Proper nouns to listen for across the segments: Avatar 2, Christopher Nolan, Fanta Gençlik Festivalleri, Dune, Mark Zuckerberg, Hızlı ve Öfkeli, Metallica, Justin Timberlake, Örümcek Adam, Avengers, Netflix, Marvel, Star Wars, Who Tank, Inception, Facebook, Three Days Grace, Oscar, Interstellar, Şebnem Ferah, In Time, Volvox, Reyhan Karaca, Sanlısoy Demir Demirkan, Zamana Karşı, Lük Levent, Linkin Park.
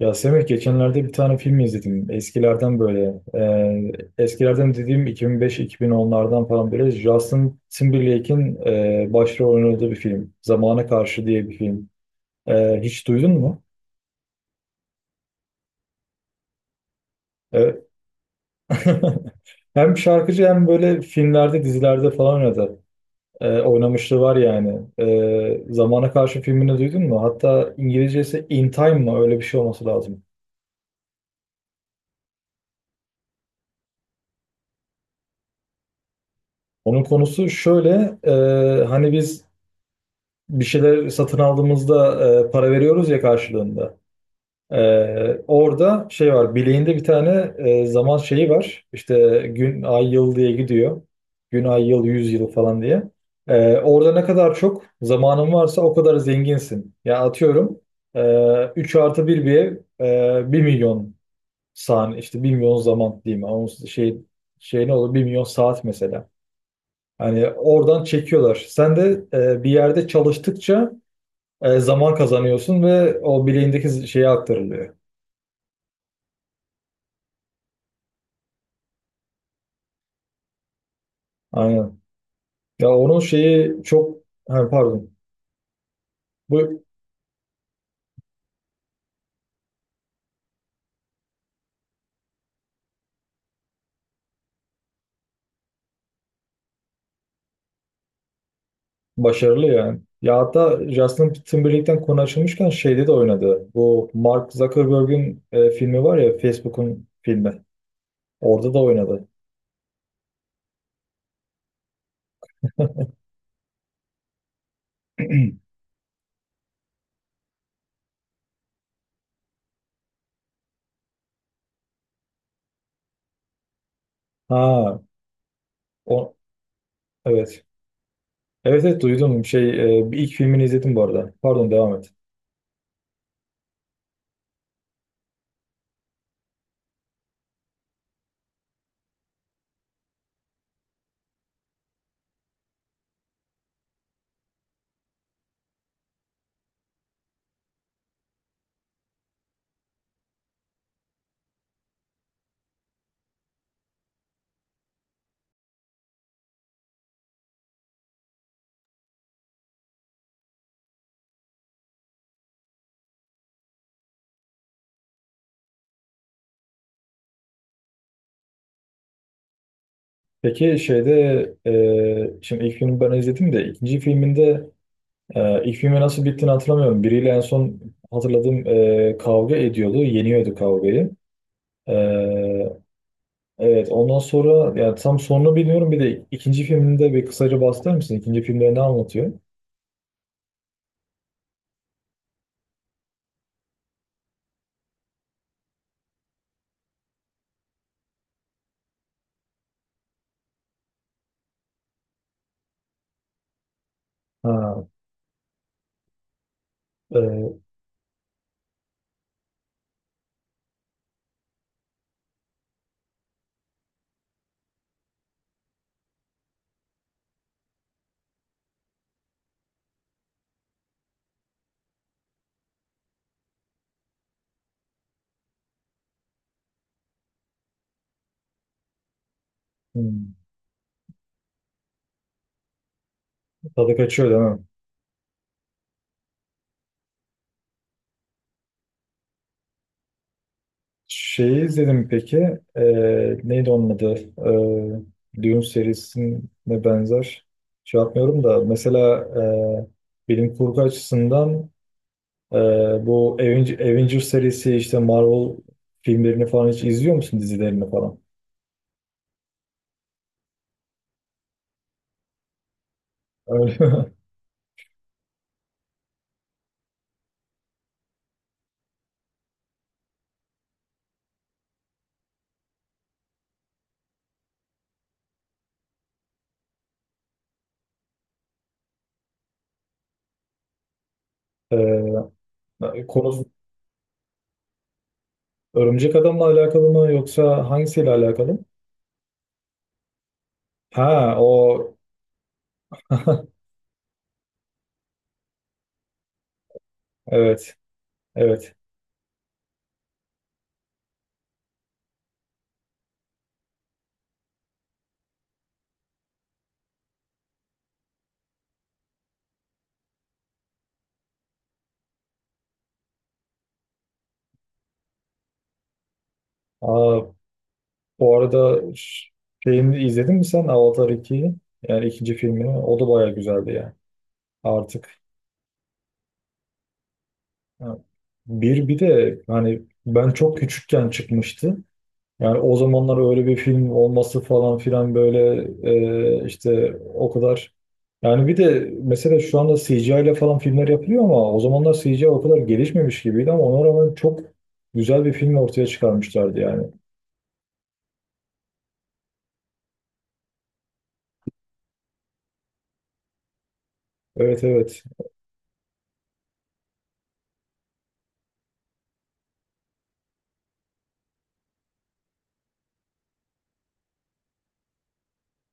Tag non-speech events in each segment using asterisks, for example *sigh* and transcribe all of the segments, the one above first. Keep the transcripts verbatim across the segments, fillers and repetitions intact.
Ya Semih geçenlerde bir tane film izledim. Eskilerden böyle. E, eskilerden dediğim iki bin beş iki bin onlardan falan böyle Justin Timberlake'in e, başrol oynadığı bir film. Zamana Karşı diye bir film. E, hiç duydun mu? E, *laughs* Hem şarkıcı hem böyle filmlerde, dizilerde falan oynadı. E, oynamışlığı var yani. E, Zamana Karşı filmini duydun mu? Hatta İngilizcesi In Time mı? Öyle bir şey olması lazım. Onun konusu şöyle, e, hani biz bir şeyler satın aldığımızda e, para veriyoruz ya karşılığında. E, orada şey var bileğinde bir tane e, zaman şeyi var. İşte gün, ay, yıl diye gidiyor. Gün, ay, yıl, yüz yıl falan diye. E, orada ne kadar çok zamanın varsa o kadar zenginsin. Ya atıyorum e, üç artı bir bir ev e, 1 milyon saniye işte bir milyon zaman diyeyim. Ama Onun şey, şey ne olur bir milyon saat mesela. Hani oradan çekiyorlar. Sen de e, bir yerde çalıştıkça e, zaman kazanıyorsun ve o bileğindeki şeye aktarılıyor. Aynen. Ya onun şeyi çok ha, pardon. Bu başarılı yani. Ya hatta Justin Timberlake'ten konu açılmışken şeyde de oynadı. Bu Mark Zuckerberg'in e, filmi var ya Facebook'un filmi. Orada da oynadı. *clears throat* Ha, o evet. Evet evet duydum. Şey e, bir ilk filmini izledim bu arada. Pardon devam et. Peki şeyde e, şimdi ilk filmi ben izledim de ikinci filminde. Ee, ilk filmi nasıl bittiğini hatırlamıyorum. Biriyle en son hatırladığım e, kavga ediyordu. Yeniyordu kavgayı. Ee, evet ondan sonra yani tam sonunu bilmiyorum. Bir de ikinci filminde bir kısaca bahseder misin? İkinci filmde ne anlatıyor? Ha, e, hmm, tadı kaçıyor değil mi? Şeyi izledim peki. E, Neydi onun adı? E, Dune serisine benzer. Şey yapmıyorum da mesela e, bilim kurgu açısından. Ee, Bu Aven- Avengers serisi işte Marvel filmlerini falan hiç izliyor musun dizilerini falan? Öyle mi? *laughs* Ee, Konu Örümcek Adam'la alakalı mı yoksa hangisiyle alakalı? Ha o evet evet. Aa, bu arada ş- şeyini izledin mi sen Avatar ikiyi? Yani ikinci filmini. O da baya güzeldi yani. Artık ha, bir bir de hani ben çok küçükken çıkmıştı. Yani o zamanlar öyle bir film olması falan filan böyle e, işte o kadar. Yani bir de mesela şu anda C G I ile falan filmler yapılıyor ama o zamanlar C G I o kadar gelişmemiş gibiydi ama ona rağmen çok güzel bir film ortaya çıkarmışlardı yani. Evet evet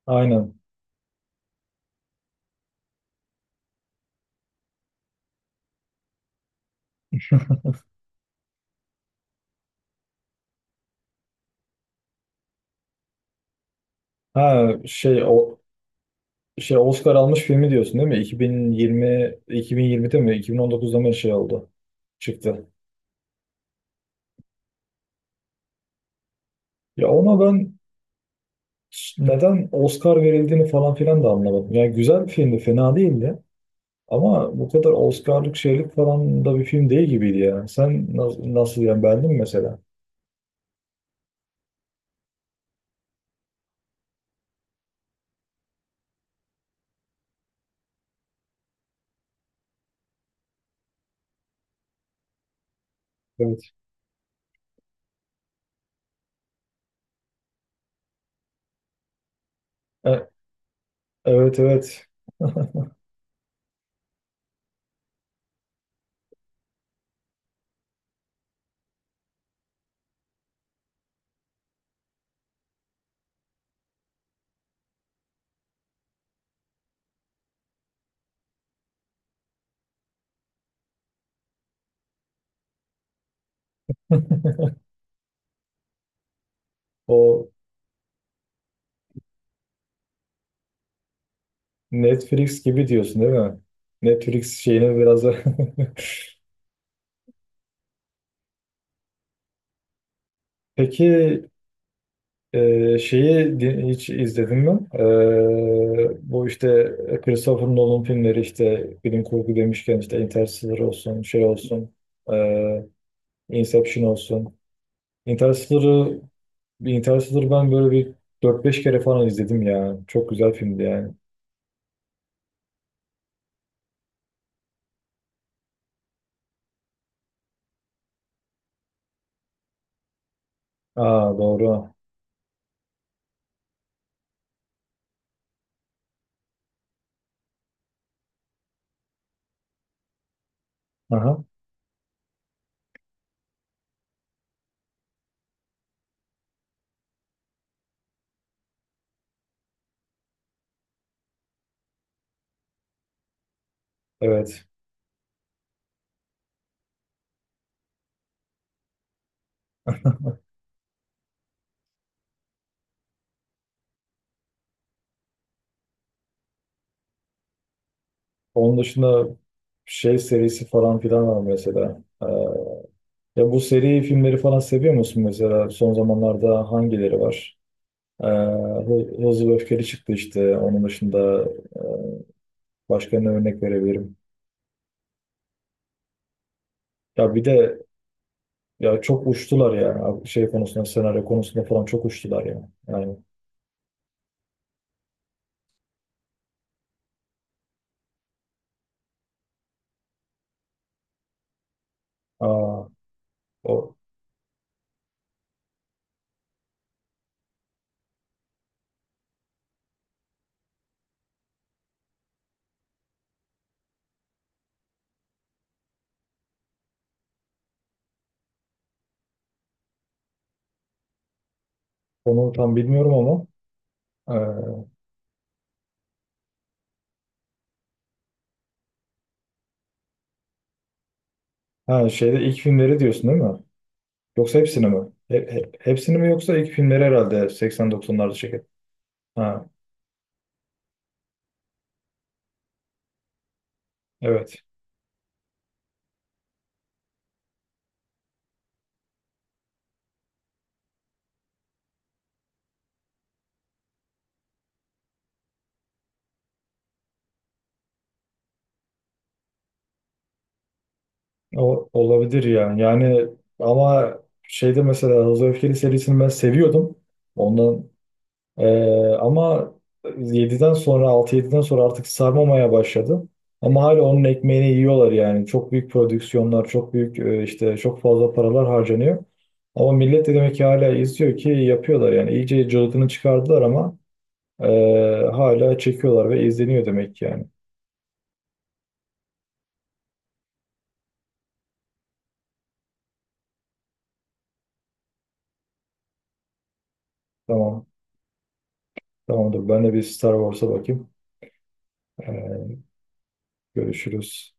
aynen. Ha şey o şey Oscar almış filmi diyorsun değil mi? iki bin yirmi iki bin yirmide mi iki bin on dokuzda mı şey oldu çıktı. Ya ona ben neden Oscar verildiğini falan filan da anlamadım. Yani güzel bir filmdi, fena değildi. Ama bu kadar Oscar'lık şeylik falan da bir film değil gibiydi yani. Sen nasıl, nasıl yani beğendin mi mesela? Evet. E, evet evet. O Netflix gibi diyorsun değil mi? Netflix şeyine biraz da... *laughs* Peki e, şeyi di- hiç izledin mi? E, bu işte Christopher Nolan filmleri işte bilim kurgu demişken işte Interstellar olsun, şey olsun, e, Inception olsun. Interstellar'ı Bir Interstellar'ı ben böyle bir dört beş kere falan izledim ya. Çok güzel filmdi yani. Aa doğru. Aha, evet. Onun dışında şey serisi falan filan var mesela. Ee, ya bu seri filmleri falan seviyor musun mesela? Son zamanlarda hangileri var? Ee, Hı- Hızlı ve Öfkeli çıktı işte. Onun dışında başka ne örnek verebilirim? Ya bir de ya çok uçtular ya. Şey konusunda, senaryo konusunda falan çok uçtular ya. Yani. Aa, o, onu tam bilmiyorum ama. ee, Ha şeyde ilk filmleri diyorsun değil mi? Yoksa hepsini mi? He- he- hepsini mi yoksa ilk filmleri herhalde seksen doksanlarda çekildi. Ha evet. O, olabilir yani. Yani ama şeyde mesela Hızlı ve Öfkeli serisini ben seviyordum. Ondan eee, ama yediden sonra altı yediden sonra artık sarmamaya başladı. Ama hala onun ekmeğini yiyorlar yani. Çok büyük prodüksiyonlar, çok büyük e, işte çok fazla paralar harcanıyor. Ama millet de demek ki hala izliyor ki yapıyorlar yani. İyice cılkını çıkardılar ama Ee, hala çekiyorlar ve izleniyor demek ki yani. Tamam. Tamamdır. Ben de bir Star Wars'a bakayım. Ee, Görüşürüz.